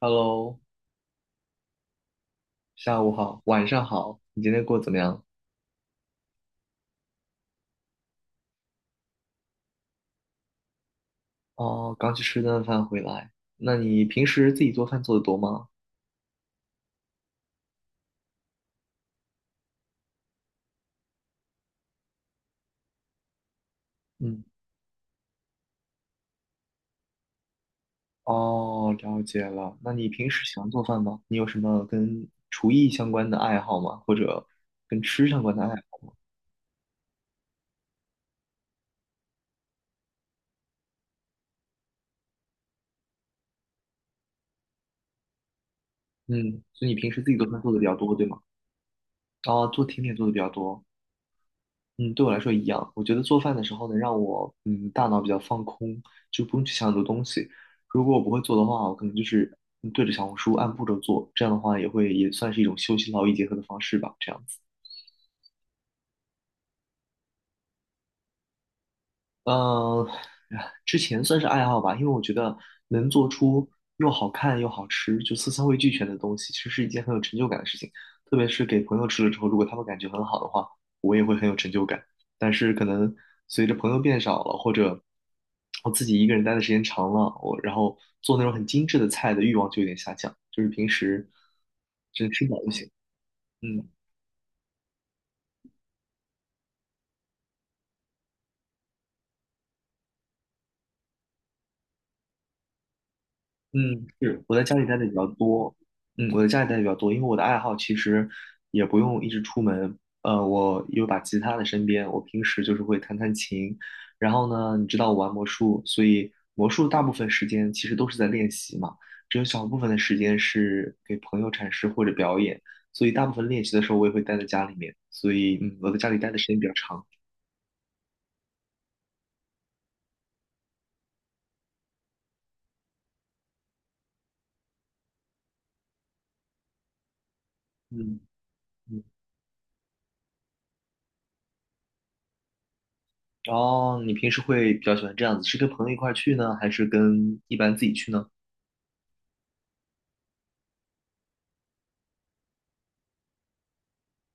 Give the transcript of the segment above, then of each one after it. Hello，下午好，晚上好，你今天过得怎么样？哦，刚去吃顿饭回来。那你平时自己做饭做的多吗？嗯，哦，了解了。那你平时喜欢做饭吗？你有什么跟厨艺相关的爱好吗？或者跟吃相关的爱好？嗯，所以你平时自己做饭做的比较多，对吗？哦，做甜点做的比较多。嗯，对我来说一样。我觉得做饭的时候能让我大脑比较放空，就不用去想很多东西。如果我不会做的话，我可能就是对着小红书按步骤做，这样的话也会也算是一种休息劳逸结合的方式吧，这样子。呃，哎之前算是爱好吧，因为我觉得能做出又好看又好吃，就色香味俱全的东西，其实是一件很有成就感的事情。特别是给朋友吃了之后，如果他们感觉很好的话，我也会很有成就感。但是可能随着朋友变少了，或者我自己一个人待的时间长了，我然后做那种很精致的菜的欲望就有点下降，就是平时只吃饱就行。嗯。嗯，是我在家里待的比较多，嗯，我在家里待的比较多，因为我的爱好其实也不用一直出门，我有把吉他在身边，我平时就是会弹弹琴，然后呢，你知道我玩魔术，所以魔术大部分时间其实都是在练习嘛，只有小部分的时间是给朋友展示或者表演，所以大部分练习的时候我也会待在家里面，所以我在家里待的时间比较长，嗯。嗯，然后你平时会比较喜欢这样子，是跟朋友一块儿去呢，还是跟一般自己去呢？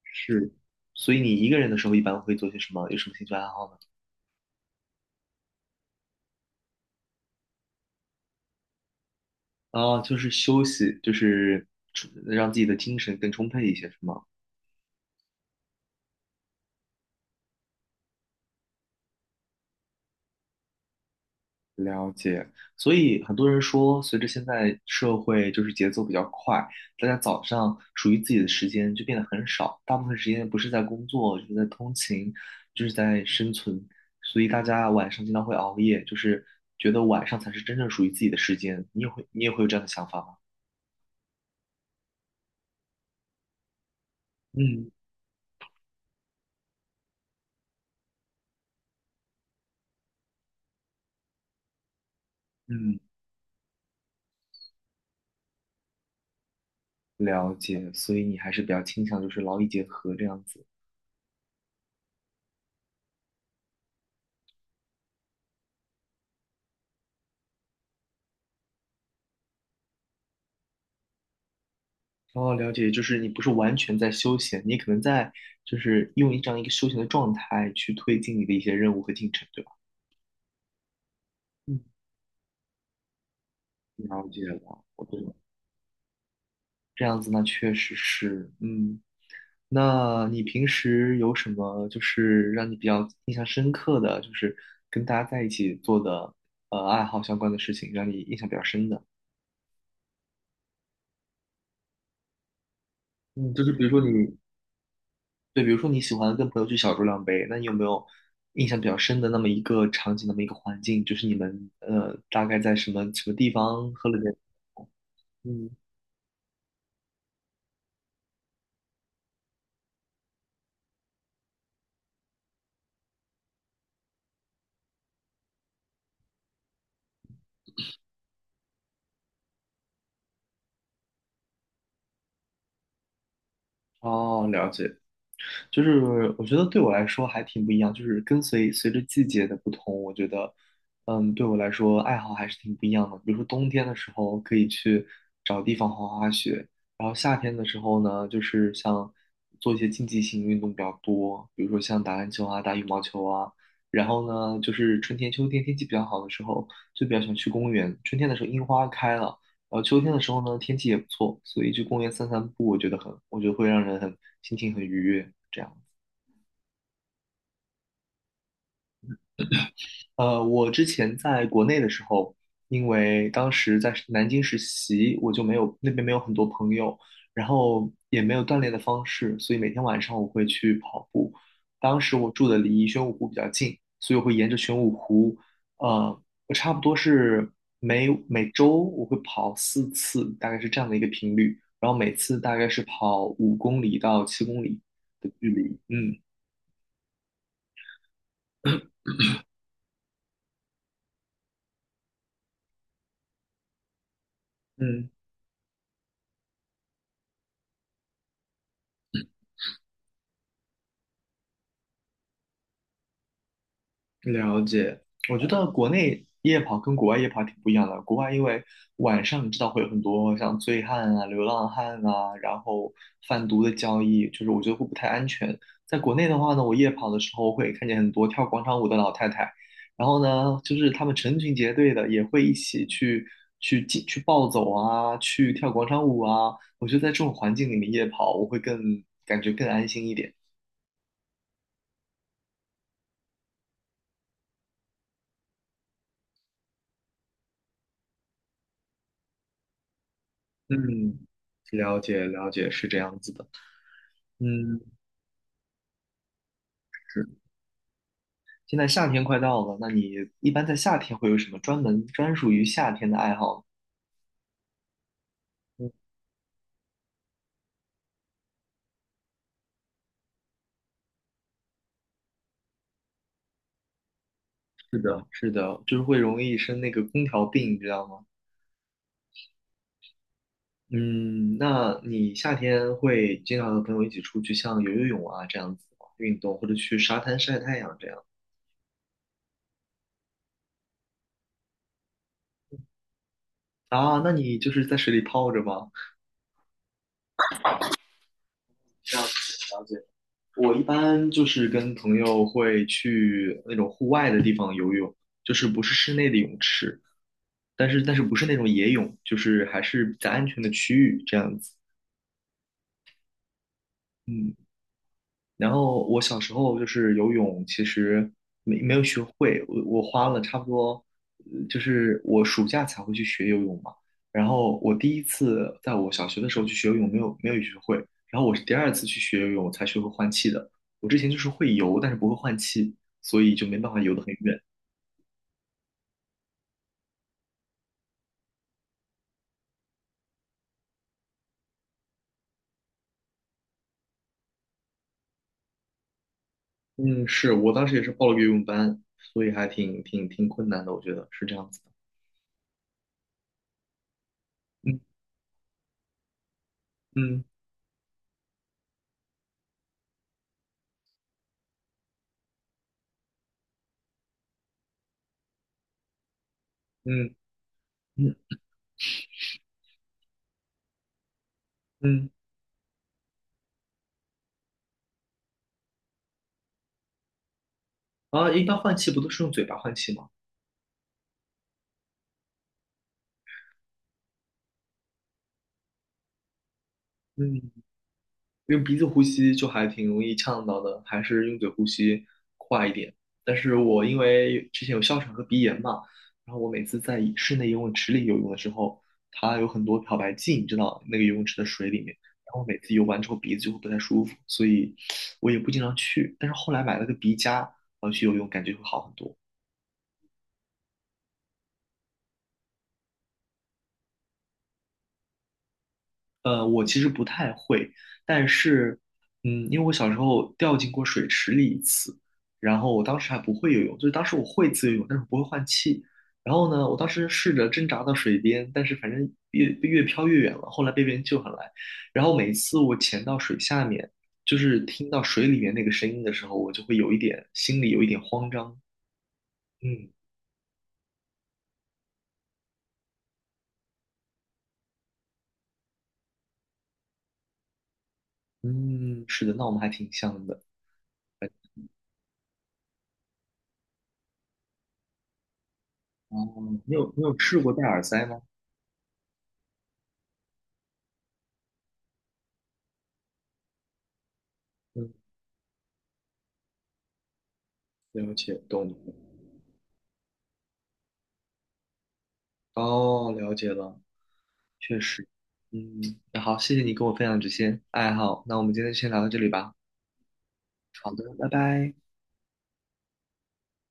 是，所以你一个人的时候一般会做些什么？有什么兴趣爱好呢？啊，就是休息，就是出让自己的精神更充沛一些，是吗？了解。所以很多人说，随着现在社会就是节奏比较快，大家早上属于自己的时间就变得很少，大部分时间不是在工作，就是在通勤，就是在生存。所以大家晚上经常会熬夜，就是觉得晚上才是真正属于自己的时间。你也会有这样的想法吗？嗯嗯。了解，所以你还是比较倾向就是劳逸结合这样子。哦，了解，就是你不是完全在休闲，你可能在就是用一个休闲的状态去推进你的一些任务和进程，对吧？嗯，了解了，我懂了。这样子那确实是，那你平时有什么就是让你比较印象深刻的，就是跟大家在一起做的爱好相关的事情，让你印象比较深的？嗯，就是比如说你对，比如说你喜欢跟朋友去小酌两杯，那你有没有印象比较深的那么一个场景，那么一个环境，就是你们大概在什么什么地方喝了点？嗯，哦，了解。就是我觉得对我来说还挺不一样，就是跟随着季节的不同，我觉得，对我来说爱好还是挺不一样的。比如说冬天的时候可以去找地方滑滑雪，然后夏天的时候呢，就是像做一些竞技性运动比较多，比如说像打篮球啊、打羽毛球啊。然后呢，就是春天、秋天天气比较好的时候，就比较喜欢去公园。春天的时候樱花开了，秋天的时候呢，天气也不错，所以去公园散散步，我觉得会让人很心情很愉悦，这样。我之前在国内的时候，因为当时在南京实习，我就没有那边没有很多朋友，然后也没有锻炼的方式，所以每天晚上我会去跑步。当时我住的离玄武湖比较近，所以我会沿着玄武湖，我差不多是每周我会跑四次，大概是这样的一个频率，然后每次大概是跑5公里到7公里的距离，嗯。嗯，了解，我觉得国内夜跑跟国外夜跑挺不一样的。国外因为晚上你知道会有很多像醉汉啊、流浪汉啊，然后贩毒的交易，就是我觉得会不太安全。在国内的话呢，我夜跑的时候会看见很多跳广场舞的老太太，然后呢，就是他们成群结队的也会一起去进去暴走啊，去跳广场舞啊。我觉得在这种环境里面夜跑，我会更感觉更安心一点。嗯，了解了解，是这样子的。嗯，是现在夏天快到了，那你一般在夏天会有什么专属于夏天的爱好呢嗯，是的，是的，就是会容易生那个空调病，你知道吗？嗯，那你夏天会经常和朋友一起出去，像游游泳啊这样子吗运动，或者去沙滩晒太阳这样啊？那你就是在水里泡着吗？这样子了解，我一般就是跟朋友会去那种户外的地方游泳，就是不是室内的泳池。但是不是那种野泳，就是还是在安全的区域这样子。嗯，然后我小时候就是游泳，其实没有学会，我花了差不多，就是我暑假才会去学游泳嘛。然后我第一次在我小学的时候去学游泳，没有学会，然后我是第二次去学游泳才学会换气的。我之前就是会游，但是不会换气，所以就没办法游得很远。嗯，是我当时也是报了个游泳班，所以还挺困难的，我觉得是这样子的。嗯。嗯嗯嗯嗯，啊，一般换气不都是用嘴巴换气吗？嗯，用鼻子呼吸就还挺容易呛到的，还是用嘴呼吸快一点。但是我因为之前有哮喘和鼻炎嘛，然后我每次在室内游泳池里游泳的时候，它有很多漂白剂，你知道那个游泳池的水里面，然后每次游完之后鼻子就会不太舒服，所以我也不经常去。但是后来买了个鼻夹，然后去游泳，感觉会好很多。但是，因为我小时候掉进过水池里一次，然后我当时还不会游泳，就是当时我会自由泳，但是我不会换气。然后呢，我当时试着挣扎到水边，但是反正越飘越远了，后来被别人救上来。然后每次我潜到水下面，就是听到水里面那个声音的时候，我就会有一点心里有一点慌张。嗯嗯，是的，那我们还挺像的。哦，你有试过戴耳塞吗？嗯，了解，懂了。哦，了解了。确实，嗯，那好，谢谢你跟我分享这些爱好，那我们今天就先聊到这里吧。好的，拜拜。